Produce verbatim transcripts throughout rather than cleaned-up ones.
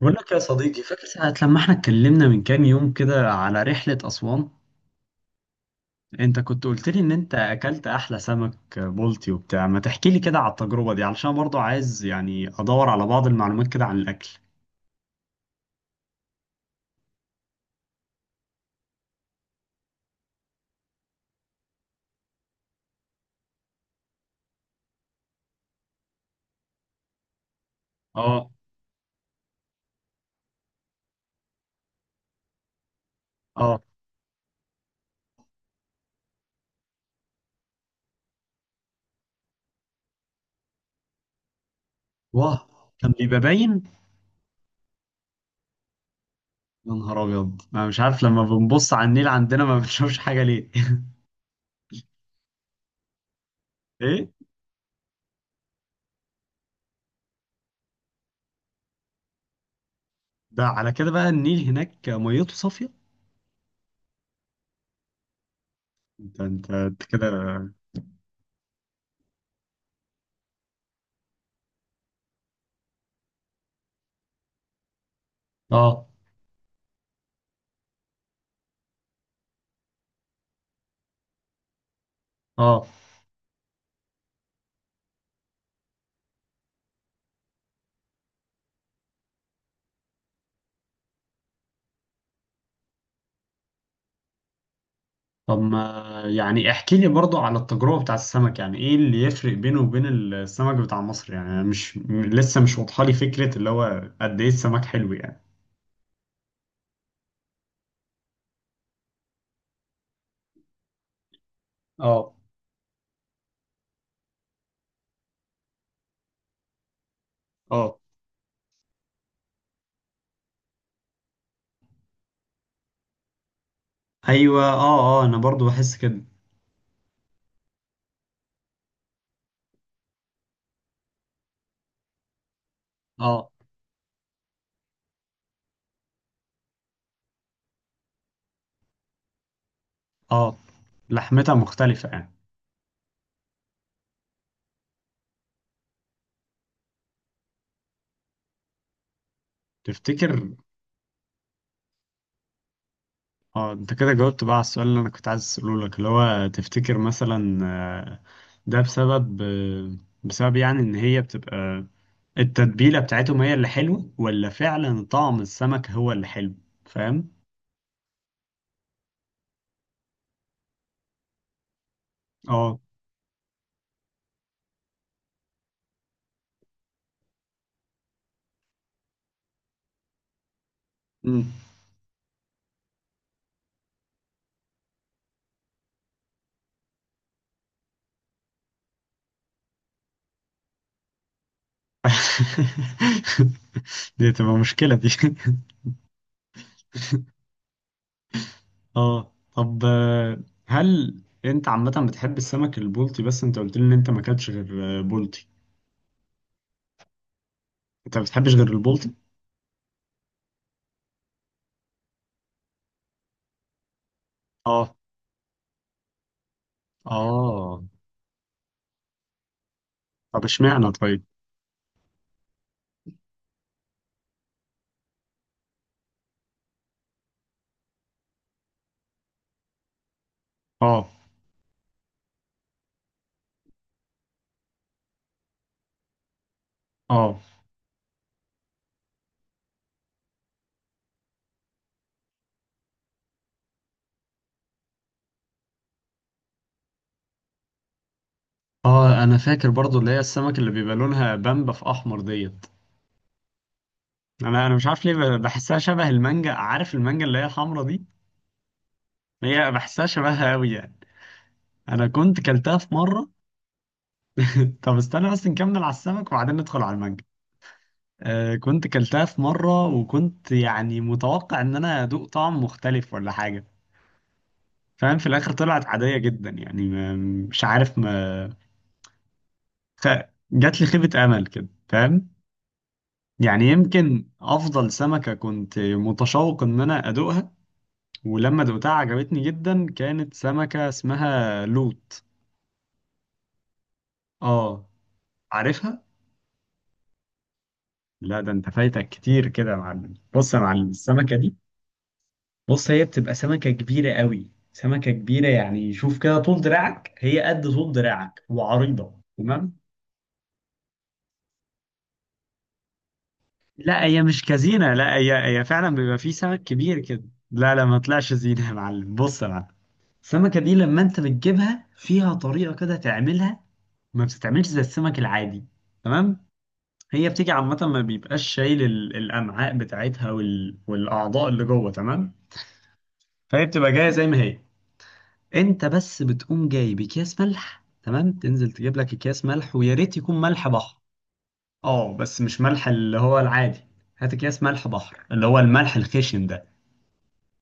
بقول لك يا صديقي، فاكر ساعة لما احنا اتكلمنا من كام يوم كده على رحلة أسوان؟ انت كنت قلت لي ان انت اكلت احلى سمك بلطي وبتاع، ما تحكي لي كده على التجربة دي علشان برضو عايز يعني ادور على بعض المعلومات كده عن الاكل. اه، اه. واه. كان بيبقى باين. يا نهار ابيض، انا مش عارف لما بنبص على النيل عندنا ما بنشوفش حاجة ليه؟ ايه. ده على كده بقى، النيل هناك ميته صافية. انت انت أنت كده. اه، اه. طب ما يعني احكي لي برضو على التجربة بتاع السمك، يعني ايه اللي يفرق بينه وبين السمك بتاع مصر، يعني أنا مش م- لسه مش واضحة لي فكرة اللي هو قد ايه السمك حلو يعني. اه، اه، ايوه، اه، اه، انا برضو بحس كده. اه، اه، لحمتها مختلفة يعني. تفتكر؟ اه، انت كده جاوبت بقى على السؤال اللي انا كنت عايز اساله لك، اللي هو تفتكر مثلا، آه، ده بسبب آه، بسبب يعني ان هي بتبقى، التتبيلة بتاعتهم هي اللي حلوة ولا فعلا طعم السمك هو اللي حلو، فاهم؟ اه، مم. دي تبقى مشكلة دي اه، طب، آه، هل انت عامة بتحب السمك البلطي؟ بس انت قلت لي ان انت ما اكلتش غير، آه، بلطي، انت ما بتحبش غير البلطي؟ اه، اه، طب اشمعنى طيب؟ اه، اه، اه، انا فاكر برضو اللي هي السمك اللي بيبقى لونها بامبا في احمر ديت. انا انا مش عارف ليه، ب- بحسها شبه المانجا، عارف المانجا اللي هي الحمرا دي، هي بحسها شبهها قوي يعني. انا كنت كلتها في مره. طب استنى بس نكمل على السمك وبعدين ندخل على المانجا. آه كنت كلتها في مره وكنت يعني متوقع ان انا ادوق طعم مختلف ولا حاجه، فاهم؟ في الاخر طلعت عاديه جدا يعني، ما- مش عارف، ما خ... جات لي خيبه امل كده، فاهم؟ يعني يمكن افضل سمكة كنت متشوق ان انا ادوقها، ولما دوقتها عجبتني جدا، كانت سمكة اسمها لوت. اه. عارفها؟ لا، ده انت فايتك كتير كده يا معلم، بص يا معلم، السمكة دي، بص هي بتبقى سمكة كبيرة قوي، سمكة كبيرة يعني شوف كده، طول دراعك، هي قد طول دراعك وعريضة، تمام؟ لا، هي مش كزينة، لا، هي هي فعلا بيبقى فيه سمك كبير كده. لا، لا، ما طلعش زينة يا معلم، بص يا معلم، السمكة دي لما انت بتجيبها فيها طريقة كده تعملها، ما بتتعملش زي السمك العادي، تمام. هي بتيجي عامة ما بيبقاش شايل ال- الأمعاء بتاعتها وال... والأعضاء اللي جوه، تمام. فهي بتبقى جاية زي ما هي، انت بس بتقوم جاي بأكياس ملح، تمام، تنزل تجيب لك أكياس ملح، ويا ريت يكون ملح بحر. اه، بس مش ملح اللي هو العادي، هات أكياس ملح بحر اللي هو الملح الخشن ده،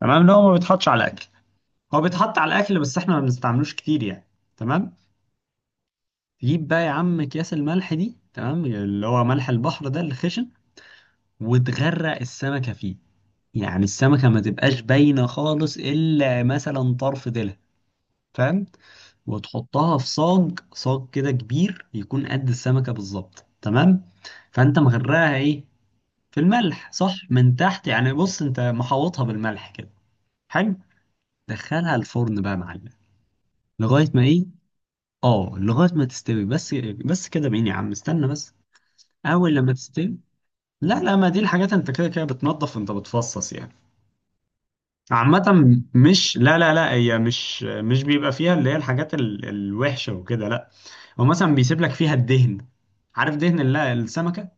تمام، اللي هو ما بيتحطش على الاكل، هو بيتحط على الاكل بس احنا ما بنستعملوش كتير يعني، تمام. تجيب بقى يا عم اكياس الملح دي، تمام، اللي هو ملح البحر ده الخشن، وتغرق السمكه فيه، يعني السمكه ما تبقاش باينه خالص الا مثلا طرف ديلها، فاهم؟ وتحطها في صاج، صاج كده كبير يكون قد السمكه بالظبط، تمام. فانت مغرقها ايه، في الملح، صح؟ من تحت يعني، بص انت محوطها بالملح كده، حلو، دخلها الفرن بقى يا معلم، لغايه ما ايه؟ اه، لغاية ما تستوي بس، بس كده بعيني يا عم، استنى بس، أول لما تستوي. لا، لا، ما دي الحاجات أنت كده كده بتنظف، أنت بتفصص يعني، عامة، مش، لا، لا، لا، هي مش مش بيبقى فيها اللي هي الحاجات، ال... الوحشة وكده، لا، هو مثلا بيسيب لك فيها الدهن، عارف دهن ال- السمكة؟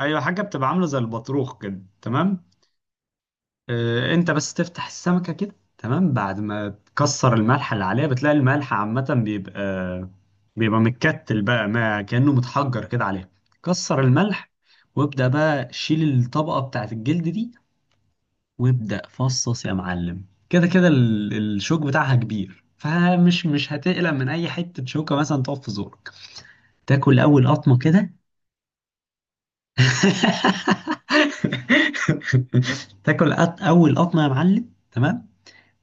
أيوة، حاجة بتبقى عاملة زي البطروخ كده، تمام. آه، انت بس تفتح السمكة كده، تمام، بعد ما تكسر الملح اللي عليها بتلاقي الملح عامة بيبقى بيبقى متكتل بقى، ما كأنه متحجر كده عليها، كسر الملح، وابدأ بقى شيل الطبقة بتاعت الجلد دي، وابدأ فصص يا معلم، كده كده ال- الشوك بتاعها كبير، فمش مش هتقلق من اي حتة شوكة مثلا تقف في زورك، تاكل اول قطمة كده. تاكل أط- اول قطمة يا معلم، تمام،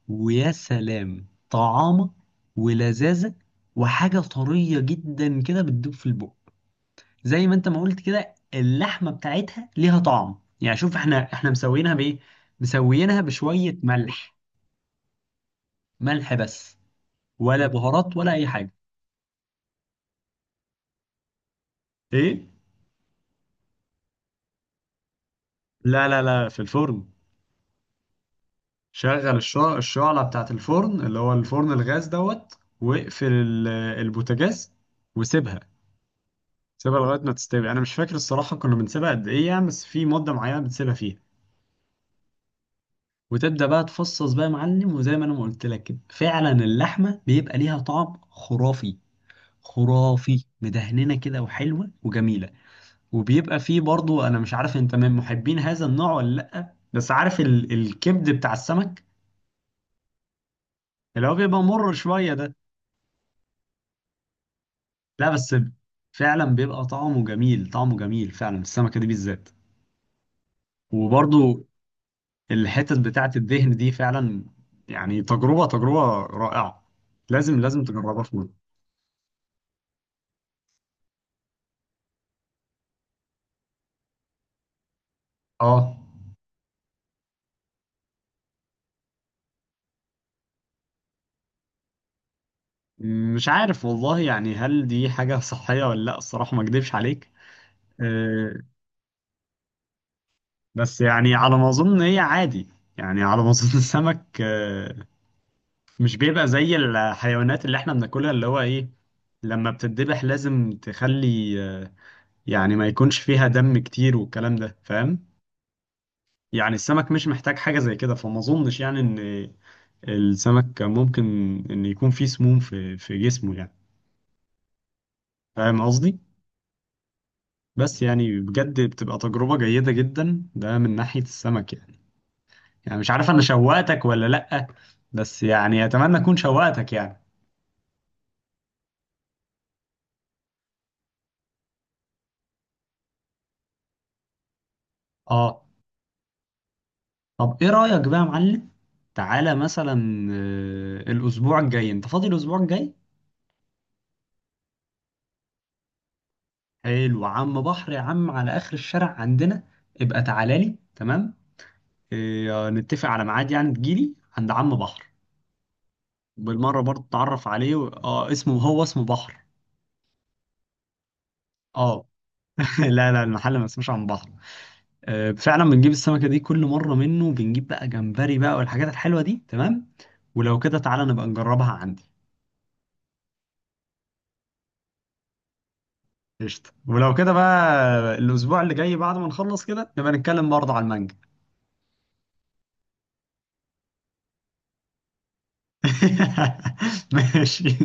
ويا سلام طعامة، ولذاذة، وحاجة طرية جدا كده بتدوب في البق، زي ما انت ما قلت كده اللحمة بتاعتها ليها طعم يعني، شوف احنا احنا مسويينها بايه، مسويينها بشوية ملح، ملح بس، ولا بهارات ولا اي حاجة. ايه، لا، لا، لا، في الفرن، شغل الشع- الشعلة بتاعت الفرن اللي هو الفرن الغاز دوت، واقفل ال- البوتاجاز، وسيبها، سيبها لغاية ما تستوي، أنا مش فاكر الصراحة كنا بنسيبها قد إيه يعني، بس في مدة معينة بتسيبها فيها، وتبدأ بقى تفصص بقى يا معلم، وزي ما أنا ما قلت لك كده فعلا اللحمة بيبقى ليها طعم خرافي، خرافي مدهننة كده وحلوة وجميلة، وبيبقى فيه برضو، أنا مش عارف أنت من محبين هذا النوع ولا لأ، بس عارف ال... الكبد بتاع السمك اللي هو بيبقى مر شوية ده، لا بس فعلا بيبقى طعمه جميل، طعمه جميل فعلا السمكة دي بالذات، وبرضو الحتت بتاعة الدهن دي فعلا، يعني تجربة تجربة رائعة، لازم لازم تجربها في مرة. اه، مش عارف والله، يعني هل دي حاجة صحية ولا لا الصراحة، ما اكدبش عليك، آه بس يعني على ما اظن هي عادي، يعني على ما اظن السمك، آه مش بيبقى زي الحيوانات اللي احنا بناكلها اللي هو ايه، لما بتتذبح لازم تخلي، آه يعني ما يكونش فيها دم كتير والكلام ده، فاهم؟ يعني السمك مش محتاج حاجة زي كده، فما اظنش يعني ان السمك ممكن إن يكون فيه سموم في في جسمه يعني، فاهم قصدي؟ بس يعني بجد بتبقى تجربة جيدة جدا، ده من ناحية السمك يعني، يعني مش عارف أنا شوقتك ولا لأ، بس يعني أتمنى أكون شوقتك يعني. آه طب إيه رأيك بقى يا معلم؟ تعالى مثلا، آه، الأسبوع الجاي أنت فاضي الأسبوع الجاي؟ حلو، عم بحر يا عم على آخر الشارع عندنا، ابقى تعالى لي، تمام؟ آه، نتفق على ميعاد يعني تجيلي عند عم بحر، بالمره برضه اتعرف عليه و... اه اسمه هو اسمه بحر، اه. لا، لا، المحل ما اسموش عن بحر، آه فعلا بنجيب السمكه دي كل مره منه، بنجيب بقى جمبري بقى والحاجات الحلوه دي، تمام، ولو كده تعالى نبقى نجربها عندي، قشطه ولو كده بقى، الاسبوع اللي جاي بعد ما نخلص كده نبقى نتكلم برضه على المانجا. ماشي،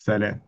سلام.